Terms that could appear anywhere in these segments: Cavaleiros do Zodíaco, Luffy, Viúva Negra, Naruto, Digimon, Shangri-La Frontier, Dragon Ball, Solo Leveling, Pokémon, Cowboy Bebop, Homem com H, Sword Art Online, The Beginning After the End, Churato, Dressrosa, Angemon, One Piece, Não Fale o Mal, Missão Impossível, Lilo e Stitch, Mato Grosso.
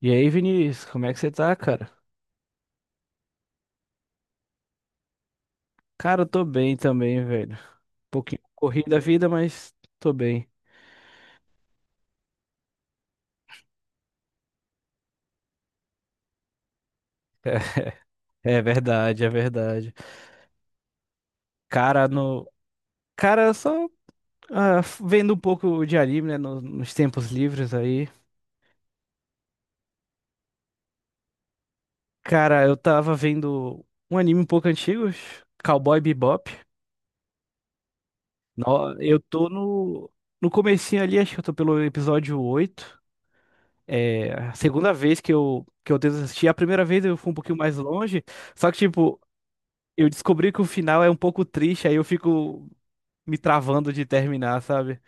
E aí, Vinícius, como é que você tá, cara? Cara, eu tô bem também, velho. Um pouquinho corrida a vida, mas tô bem. É verdade, é verdade. Cara, no. Cara, só vendo um pouco de anime, né? Nos tempos livres aí. Cara, eu tava vendo um anime um pouco antigo, Cowboy Bebop. No- Eu tô no. No comecinho ali, acho que eu tô pelo episódio 8. É a segunda vez que eu tento assistir. A primeira vez eu fui um pouquinho mais longe. Só que, tipo, eu descobri que o final é um pouco triste, aí eu fico me travando de terminar, sabe?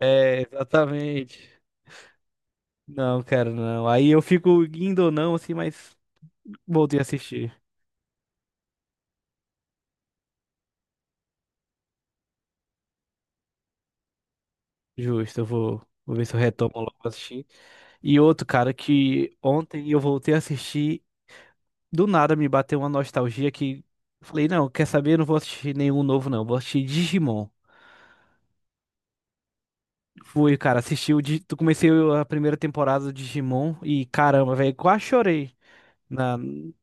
É, exatamente. Não, cara, não. Aí eu fico indo ou não, assim, mas voltei a assistir. Justo, eu vou ver se eu retomo logo pra assistir. E outro, cara, que ontem eu voltei a assistir, do nada me bateu uma nostalgia que falei, não, quer saber? Eu não vou assistir nenhum novo, não. Vou assistir Digimon. Fui, cara, Tu comecei a primeira temporada do Digimon e caramba, velho, quase chorei. Na,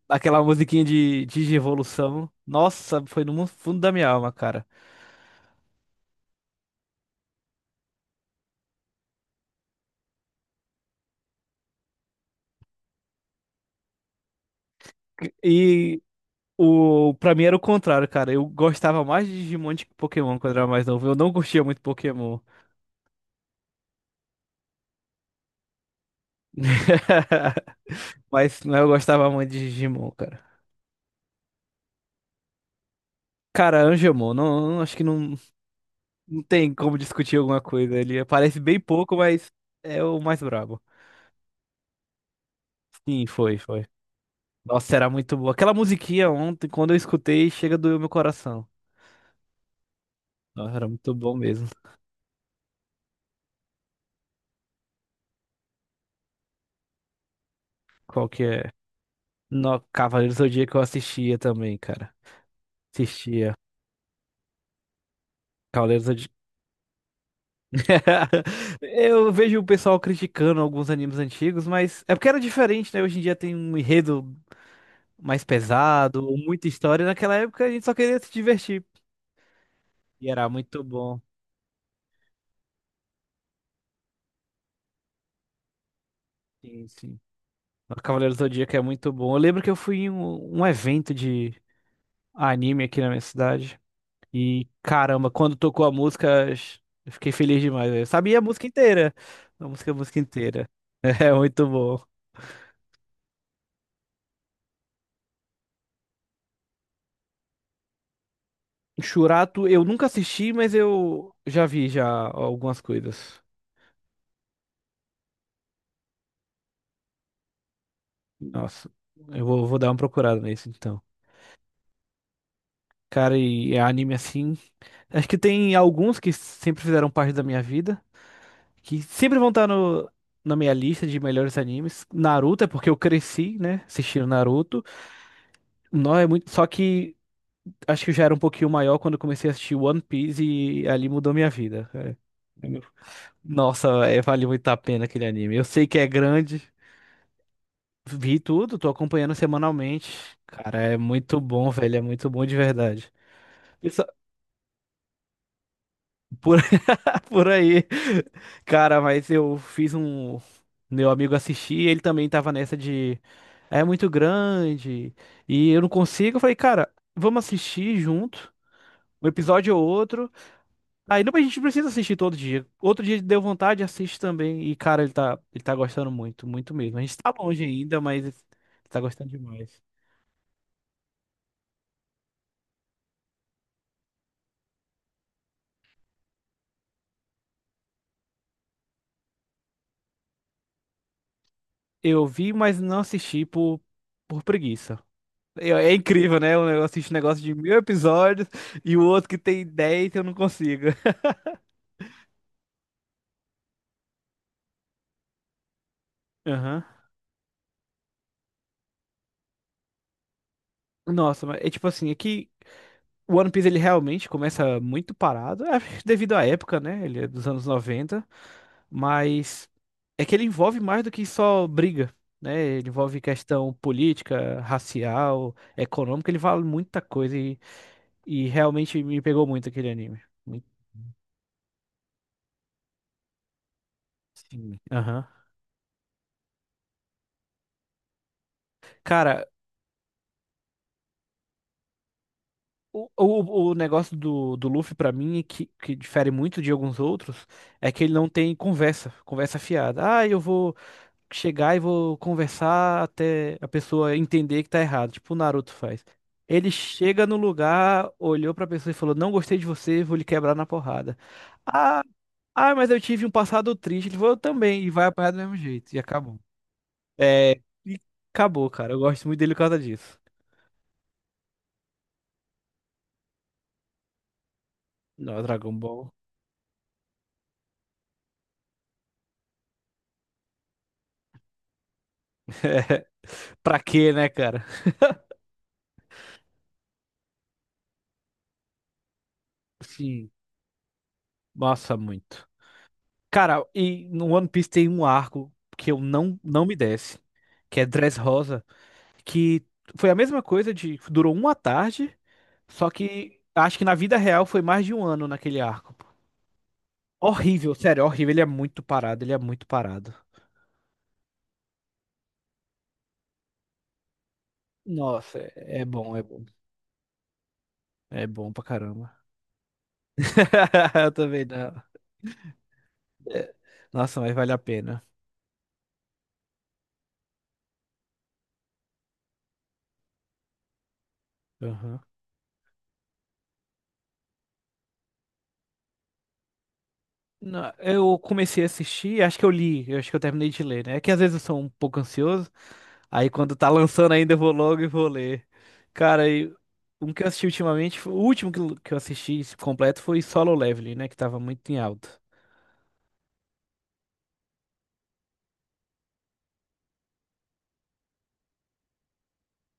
aquela musiquinha de evolução. Nossa, foi no fundo da minha alma, cara. E o para mim era o contrário, cara. Eu gostava mais de Digimon do que Pokémon quando eu era mais novo. Eu não curtia muito Pokémon. Mas não, eu gostava muito de Digimon, cara. Cara, Angemon, acho que não, não tem como discutir alguma coisa. Ele aparece bem pouco, mas é o mais brabo. Sim, foi, foi. Nossa, era muito boa. Aquela musiquinha ontem, quando eu escutei, chega doeu meu coração. Nossa, era muito bom mesmo. Qual que é? No Cavaleiros do Zodíaco eu assistia também, cara. Assistia. Cavaleiros do Zodíaco. Eu vejo o pessoal criticando alguns animes antigos, mas é porque era diferente, né? Hoje em dia tem um enredo mais pesado, muita história. Naquela época a gente só queria se divertir. E era muito bom. Sim, sim. O Cavaleiros do Zodíaco é muito bom. Eu lembro que eu fui em um evento de anime aqui na minha cidade. E caramba, quando tocou a música, eu fiquei feliz demais. Eu sabia a música inteira. A música inteira. É muito bom. Churato, eu nunca assisti, mas eu já vi já algumas coisas. Nossa, eu vou dar uma procurada nesse então. Cara, e é anime assim. Acho que tem alguns que sempre fizeram parte da minha vida, que sempre vão estar no, na minha lista de melhores animes. Naruto é porque eu cresci, né, assistindo Naruto. Não é muito, só que acho que eu já era um pouquinho maior quando eu comecei a assistir One Piece e ali mudou minha vida, cara. Nossa, é, vale muito a pena aquele anime. Eu sei que é grande, vi tudo, tô acompanhando semanalmente. Cara, é muito bom, velho, é muito bom de verdade. Isso- por, por aí. Cara, mas eu fiz um. Meu amigo assistir, ele também tava nessa de. É muito grande e eu não consigo. Eu falei, cara, vamos assistir junto, um episódio ou outro. Aí não, mas a gente precisa assistir todo dia. Outro dia deu vontade, assiste também. E, cara, ele tá gostando muito, muito mesmo. A gente tá longe ainda, mas ele tá gostando demais. Eu vi, mas não assisti por preguiça. É incrível, né? Eu assisto um negócio de 1.000 episódios e o outro que tem 10 eu não consigo. Aham. Nossa, mas é tipo assim, é que o One Piece ele realmente começa muito parado, é, devido à época, né? Ele é dos anos 90. Mas é que ele envolve mais do que só briga, né? Ele envolve questão política, racial, econômica, ele vale muita coisa e realmente me pegou muito aquele anime. Muito. Sim. Aham. Cara, o negócio do Luffy pra mim, que difere muito de alguns outros, é que ele não tem conversa, conversa fiada. Ah, eu vou chegar e vou conversar até a pessoa entender que tá errado, tipo o Naruto faz. Ele chega no lugar, olhou pra pessoa e falou: Não gostei de você, vou lhe quebrar na porrada. Ah, ah, mas eu tive um passado triste. Ele falou: Eu também, e vai apanhar do mesmo jeito. E acabou. É, e acabou, cara. Eu gosto muito dele por causa disso. Não, Dragon Ball. Pra quê, né, cara? Sim, nossa, muito. Cara, e no One Piece tem um arco que eu não me desce, que é Dressrosa. Que foi a mesma coisa de durou uma tarde, só que acho que na vida real foi mais de um ano naquele arco. Horrível, sério, horrível. Ele é muito parado, ele é muito parado. Nossa, é bom, é bom. É bom pra caramba. Eu também não. É, nossa, mas vale a pena. Aham. Não, eu comecei a assistir, acho que eu li, eu acho que eu terminei de ler, né? É que às vezes eu sou um pouco ansioso, aí quando tá lançando ainda eu vou logo e vou ler. Cara, e um que eu assisti ultimamente, o último que eu assisti completo foi Solo Leveling, né? Que tava muito em alta.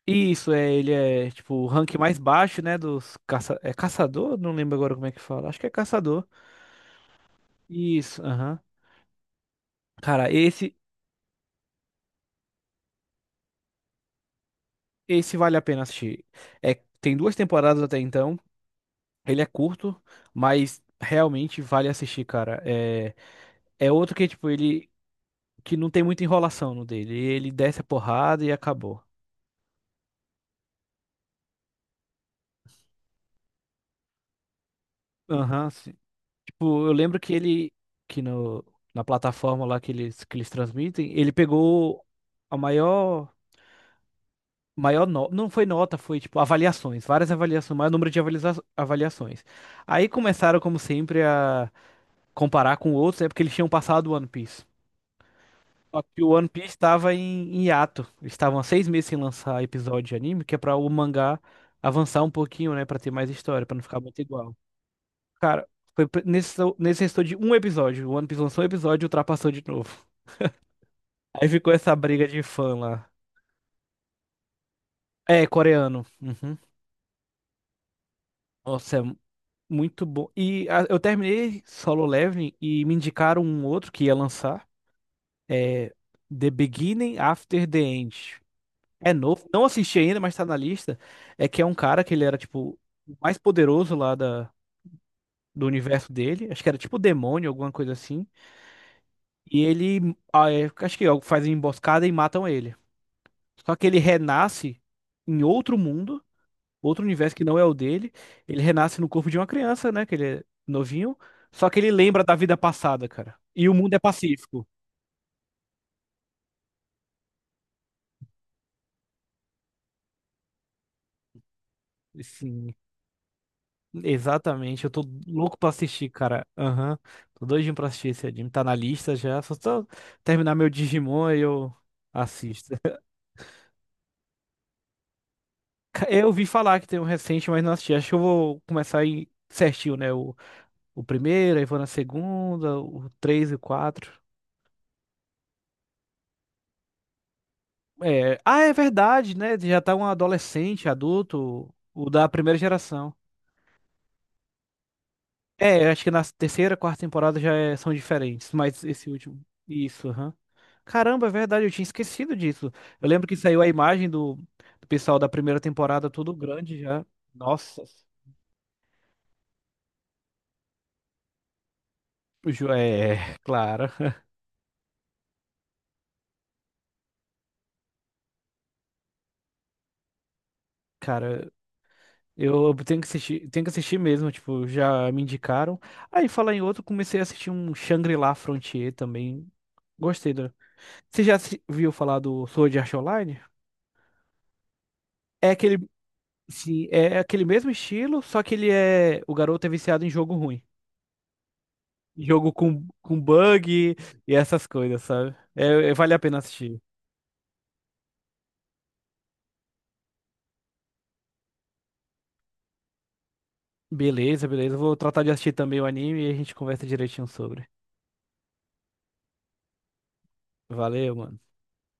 Isso, é, ele é tipo o rank mais baixo, né? É caçador? Não lembro agora como é que fala. Acho que é caçador. Isso, aham. Cara, esse vale a pena assistir. É, tem 2 temporadas até então. Ele é curto, mas realmente vale assistir, cara. É outro que, tipo, ele que não tem muita enrolação no dele. Ele desce a porrada e acabou. Aham, sim. Tipo, eu lembro que ele, que no, na plataforma lá que eles transmitem, ele pegou a maior nota, não foi nota, foi tipo avaliações, várias avaliações, maior número de avaliações. Aí começaram, como sempre, a comparar com outros, é porque eles tinham passado One Piece. Só que o One Piece estava em hiato. Eles estavam há 6 meses sem lançar episódio de anime, que é pra o mangá avançar um pouquinho, né? Pra ter mais história, pra não ficar muito igual. Cara, foi nesse restou de um episódio. O One Piece lançou um episódio e ultrapassou de novo. Aí ficou essa briga de fã lá. É, coreano. Uhum. Nossa, é muito bom. Eu terminei Solo Leveling e me indicaram um outro que ia lançar. É The Beginning After the End. É novo, não assisti ainda, mas tá na lista. É que é um cara que ele era, tipo, o mais poderoso lá do universo dele. Acho que era tipo demônio, alguma coisa assim. E ele, acho que faz uma emboscada e matam ele. Só que ele renasce em outro mundo, outro universo que não é o dele. Ele renasce no corpo de uma criança, né? Que ele é novinho. Só que ele lembra da vida passada, cara. E o mundo é pacífico. Assim, exatamente, eu tô louco pra assistir, cara. Aham, tô doidinho pra assistir esse anime. Tá na lista já, só tô terminar meu Digimon e eu assisto. Eu ouvi falar que tem um recente, mas não assisti. Acho que eu vou começar aí certinho, né? O primeiro, aí vou na segunda, o três e o quatro. Ah, é verdade, né? Já tá um adolescente, adulto, o da primeira geração. É, eu acho que na terceira, quarta temporada já são diferentes, mas esse último. Isso, aham. Caramba, é verdade, eu tinha esquecido disso. Eu lembro que saiu a imagem do pessoal da primeira temporada, todo grande já. Nossa, o Ju- é, é, claro. Cara, eu tenho que assistir mesmo, tipo, já me indicaram. Aí, falar em outro, comecei a assistir um Shangri-La Frontier também. Gostei do... Você já viu falar do Sword Art Online? É aquele Sim, é aquele mesmo estilo, só que ele é. O garoto é viciado em jogo ruim. Jogo com bug e essas coisas, sabe? É, vale a pena assistir. Beleza, beleza. Eu vou tratar de assistir também o anime e a gente conversa direitinho sobre. Valeu, mano.